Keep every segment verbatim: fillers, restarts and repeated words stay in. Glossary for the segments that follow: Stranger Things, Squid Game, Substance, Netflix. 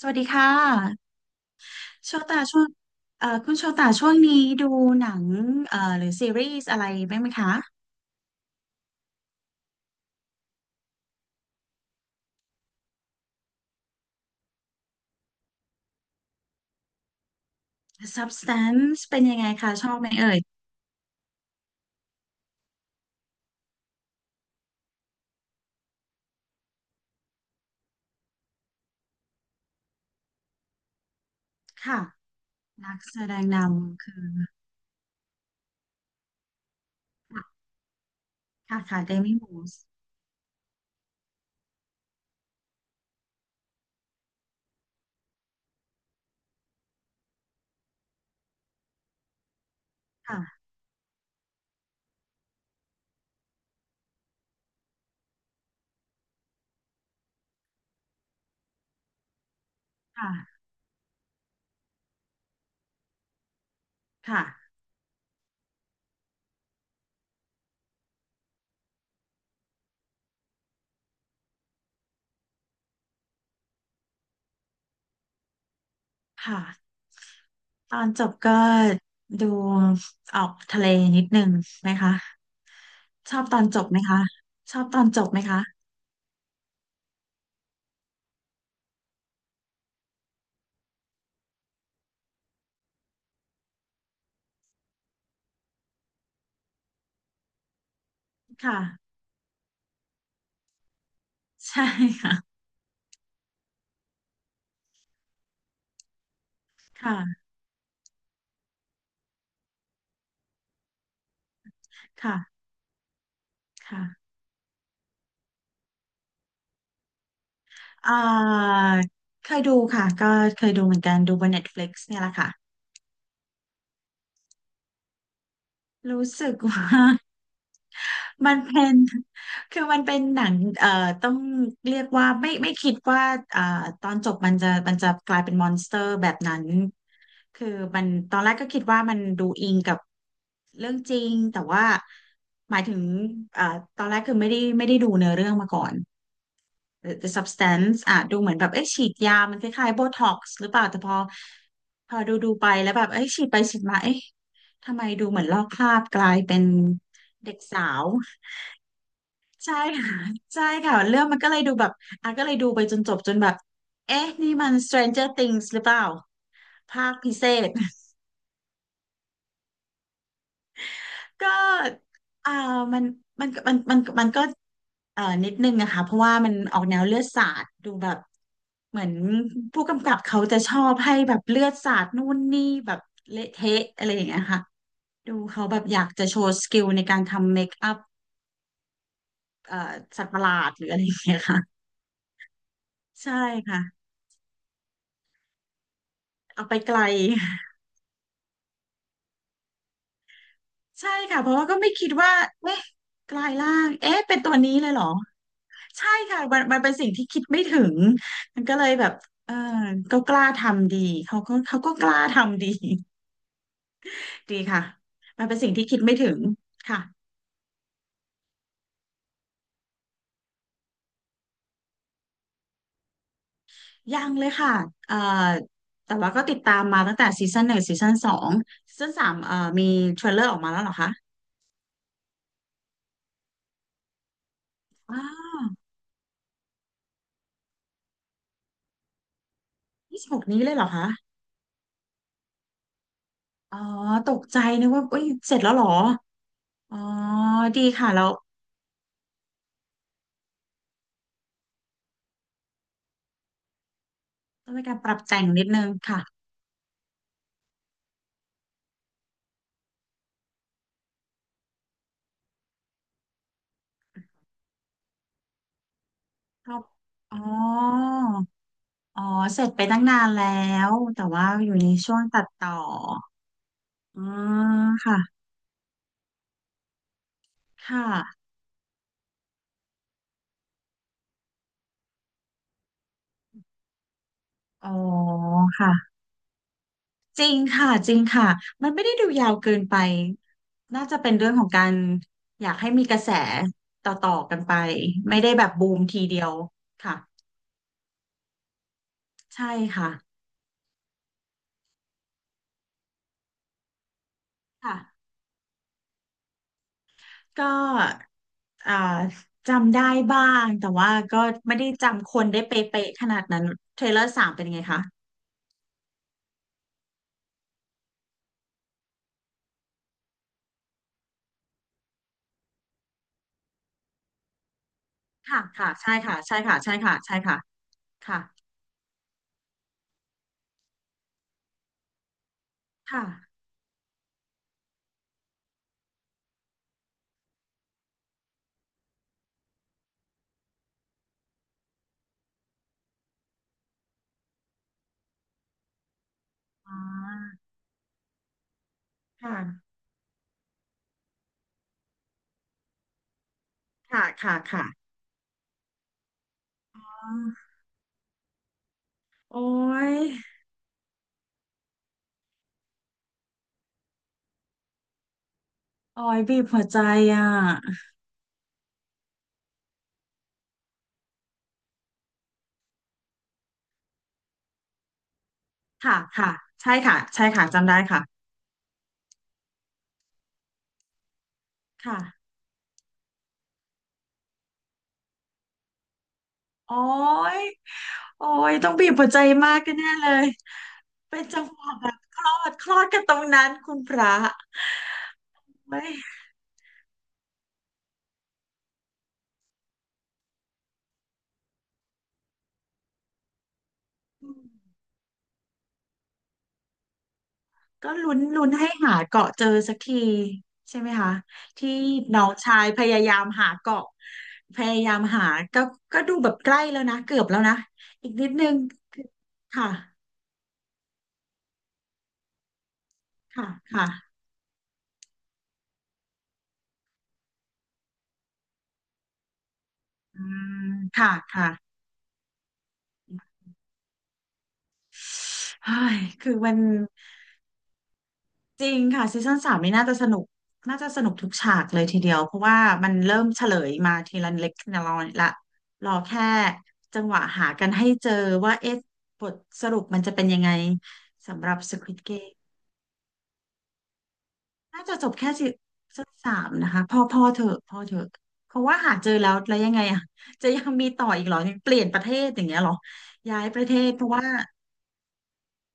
สวัสดีค่ะโชตาช่วงเอ่อคุณโชตาช่วงนี้ดูหนังเอ่อหรือซีรีส์อะไรบ้างไหมคะ Substance เป็นยังไงคะชอบไหมเอ่ยค่ะนักแสดงนำคือค่ะค่ะค่ะเดมี่มูสค่ะค่ะค่ะค่ะตอนจบก็ดูออกทะเลนิดนึงไหมคะชอบตอนจบไหมคะชอบตอนจบไหมคะค่ะใช่ค่ะค่ะค่ะค่ะ อ่าเคยดูค่ะก็เคยดูเหมือนกันดูบน Netflix เนี่ยแหละค่ะรู้สึกว่า มันเป็นคือมันเป็นหนังเอ่อต้องเรียกว่าไม่ไม่คิดว่าอ่าตอนจบมันจะมันจะกลายเป็นมอนสเตอร์แบบนั้นคือมันตอนแรกก็คิดว่ามันดูอิงกับเรื่องจริงแต่ว่าหมายถึงเอ่อตอนแรกคือไม่ได้ไม่ได้ดูเนื้อเรื่องมาก่อน the, the substance อ่ะดูเหมือนแบบเอ๊ะฉีดยามันคล้ายๆโบท็อกซ์หรือเปล่าแต่พอพอดูดูไปแล้วแบบเอ๊ะฉีดไปฉีดมาเอ๊ะทำไมดูเหมือนลอกคราบกลายเป็นเด็กสาวใช่ค่ะใช่ค่ะเรื่องมันก็เลยดูแบบอ่ะก็เลยดูไปจนจบจนแบบเอ๊ะนี่มัน Stranger Things หรือเปล่าภาคพิเศษ ก็อ่ามันมันมันมันมันก็เอ่อนิดนึงนะคะ เพราะว่ามันออกแนวเลือดสาดดูแบบเหมือนผู้กำกับเขาจะชอบให้แบบเลือดสาดนู่นนี่แบบเละเทะอะไรอย่างเงี้ยค่ะดูเขาแบบอยากจะโชว์สกิลในการทำเมคอัพเอ่อสัตว์ประหลาดหรืออะไรอย่างเงี้ยค่ะ ใช่ค่ะ เอาไปไกล ใช่ค่ะเพราะว่าก็ไม่คิดว่าเอ๊ะกลายร่างเอ๊ะเป็นตัวนี้เลยเหรอใช่ค่ะมันมันเป็นสิ่งที่คิดไม่ถึงมันก็เลยแบบเออก็กล้าทำดีเขาก็เขาก็กล้าทำดี ดีค่ะมันเป็นสิ่งที่คิดไม่ถึงค่ะยังเลยค่ะเอ่อแต่ว่าก็ติดตามมาตั้งแต่ซีซั่นหนึ่งซีซั่นสองซีซั่นสามเอ่อมีเทรลเลอร์ออกมาแล้วเหรอคะอ้าวยี่สิบหกนี้เลยเหรอคะอ๋อตกใจนึกว่าเอ้ยเสร็จแล้วเหรออ๋อดีค่ะแล้ว ต้องมีการปรับแต่งนิดนึงค่ะชอบอ๋ออ๋อ เสร็จไปตั้งนานแล้ว แต่ว่าอยู่ในช่วงตัดต่ออืมค่ะค่ะ อ๋อค่ะ จริงค่ะ จริงค่ะ มันไม่ได้ดูยาวเกินไป น่าจะเป็นเรื่องของการอยากให้มีกระแสต่อๆกันไป ไม่ได้แบบบูมทีเดียวค่ะใช่ค่ะค่ะ ก็อ่าจำได้บ้างแต่ว่าก็ไม่ได้จำคนได้เป๊ะๆขนาดนั้นเทรลเลอร์สามเป็นยังไงคะค่ะค่ะใช่ค่ะใช่ค่ะใช่ค่ะใช่ค่ะค่ะค่ะอ่าค่ะค่ะค่ะค่ะอาโอ้ยโอ้ยบีบหัวใจอ่ะค่ะค่ะใช่ค่ะใช่ค่ะจำได้ค่ะค่ะโอ้ยโอ้ยต้องบีบหัวใจมากแน่เลยเป็นจังหวะแบบคลอดคลอดกันตรงนั้นคุณพระไม่ ก็ลุ้นลุ้นให้หาเกาะเจอสักทีใช่ไหมคะที่น้องชายพยายามหาเกาะพยายามหาก็ก็ดูแบบใกล้แล้วนะเกือบแล้วนะอีกนิดนึงค่ะค่ะค่ะอืมค่ะค่ะเฮ้ยคือมัน จริงค่ะซีซั่นสามนี่น่าจะสนุกน่าจะสนุกทุกฉากเลยทีเดียวเพราะว่ามันเริ่มเฉลยมาทีละเล็กทีละน้อยละรอแค่จังหวะหากันให้เจอว่าเอ๊ะบทสรุปมันจะเป็นยังไงสำหรับ Squid Game น่าจะจบแค่ซีซั่นสามนะคะพอพอเถอะพอเถอะเพราะว่าหาเจอแล้วแล้วยังไงอ่ะจะยังมีต่ออีกเหรอยังเปลี่ยนประเทศอย่างเงี้ยเหรอย้ายประเทศเพราะว่า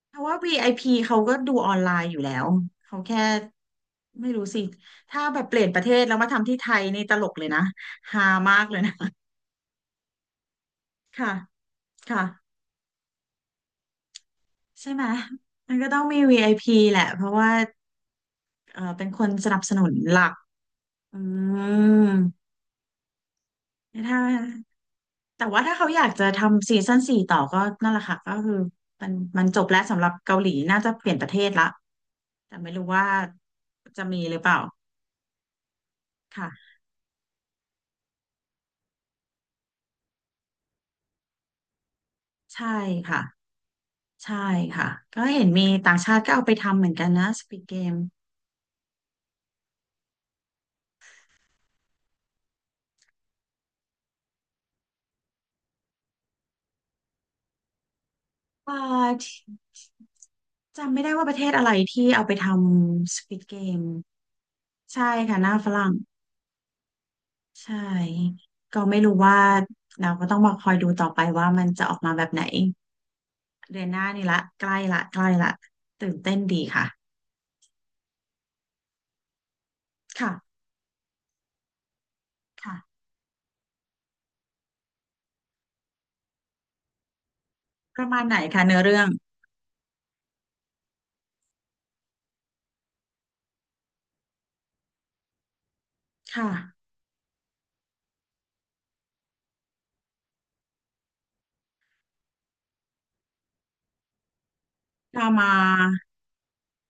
เพราะว่า วี ไอ พี เขาก็ดูออนไลน์อยู่แล้วเขาแค่ไม่รู้สิถ้าแบบเปลี่ยนประเทศแล้วมาทำที่ไทยนี่ตลกเลยนะฮามากเลยนะ ค่ะค่ะใช่ไหมมันก็ต้องมี วี ไอ พี แหละเพราะว่าเออเป็นคนสนับสนุนหลักอืมถ้าแต่ว่าถ้าเขาอยากจะทำซีซั่นสี่ต่อก็นั่นแหละค่ะก็คือมันมันจบแล้วสำหรับเกาหลีน่าจะเปลี่ยนประเทศละแต่ไม่รู้ว่าจะมีหรือเปล่าค่ะใช่ค่ะ ใช่ค่ะก็เห็นมีต่างชาติก็เอาไปทำเหมือนกันนะ Squid Game อ่าที่จำไม่ได้ว่าประเทศอะไรที่เอาไปทำ Squid Game ใช่ค่ะหน้าฝรั่งใช่ก็ไม่รู้ว่าเราก็ต้องมาคอยดูต่อไปว่ามันจะออกมาแบบไหนเดือนหน้านี่ละใกล้ละใกล้ละตื่นเต้นดีค่ะค่ะค่ะประมาณไหนคะเนื้อเรื่องค่ะเรามา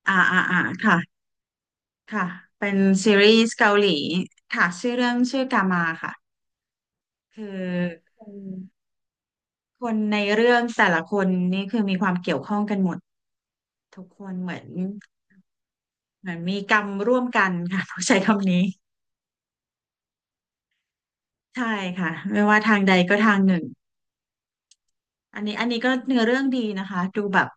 อ่าอ่าอ่าค่ะ ค่ะเป็นซีรีส์เกาหลีค่ะชื่อเรื่องชื่อกามาค่ะคือคนคนในเรื่องแต่ละคนนี่คือมีความเกี่ยวข้องกันหมดทุกคนเหมือนเหมือนมีกรรมร่วมกันค่ะ ต้องใช้คำนี้ใช่ค่ะไม่ว่าทางใดก็ทางหนึ่งอันนี้อันนี้ก็เนื้อเรื่องดีนะคะดูแบบ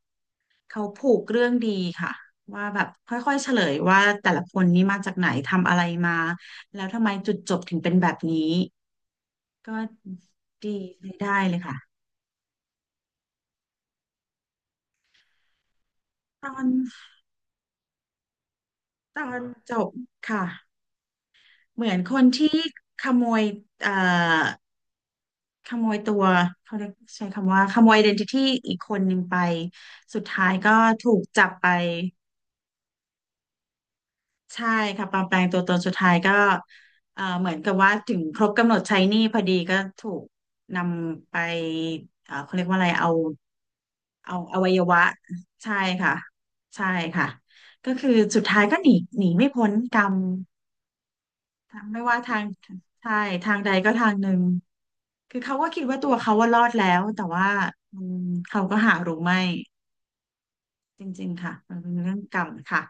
เขาผูกเรื่องดีค่ะว่าแบบค่อยๆเฉลยว่าแต่ละคนนี่มาจากไหนทำอะไรมาแล้วทำไมจุดจบถึงเป็นแบบนี้ก็ดีใช้ได้เลยค่ะ ตอนตอนจบค่ะเหมือนคนที่ขโมยเอ่อขโมยตัวเขาเรียกใช้คำว่าขโมย i d e ี t i t y อทีอีกคนหนึ่งไปสุดท้ายก็ถูกจับไปใช่ค่ะปลอมแปลงตัวตนสุดท้ายก็เอ่อเหมือนกับว่าถึงครบกำหนดใช้หนี้พอดีก็ถูกนำไปเอ่อเขาเรียกว่าอะไรเอาเอาอวัยวะใช่ค่ะใช่ค่ะก็คือสุดท้ายก็หนีหนีไม่พ้นกรรม ทางไม่ว่าทางใช่ทางใดก็ทางหนึ่งคือเขาก็คิดว่าตัวเขาว่ารอดแล้วแต่ว่าอืมเขาก็หารู้ไม่จริงๆค่ะมันเป็นเรื่องกรรมค่ะ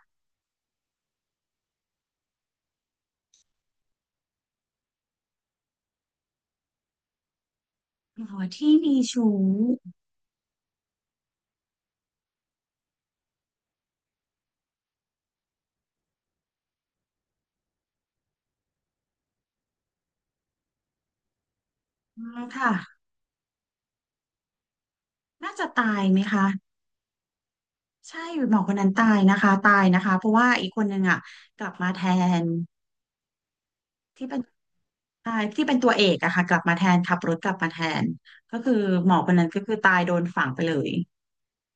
หมอที่มีชู้อ่าค่ะน่าจะตายไหมคะใช่หมอคนนั้นตายนะคะตายนะคะเพราะว่าอีกคนนึงอ่ะกลับมาแทนที่เป็นตายที่เป็นตัวเอกอะค่ะกลับมาแทนขับรถกลับมาแทนก็คือหมอคนนั้นก็คือตายโดนฝังไปเลย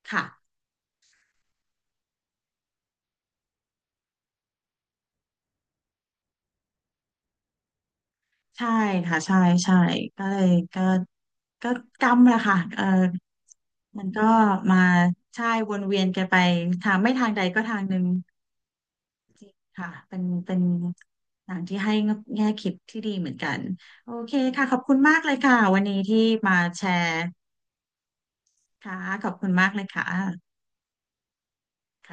ค่ะ ใช่ค่ะใช่ใช่ก็เลยก็ก็กำแหละค่ะเออมันก็มาใช่วนเวียนกันไปทางไม่ทางใดก็ทางหนึ่งค่ะเป็นเป็นหนังที่ให้แง่คิดที่ดีเหมือนกันโอเคค่ะขอบคุณมากเลยค่ะวันนี้ที่มาแชร์ค่ะขอบคุณมากเลยค่ะ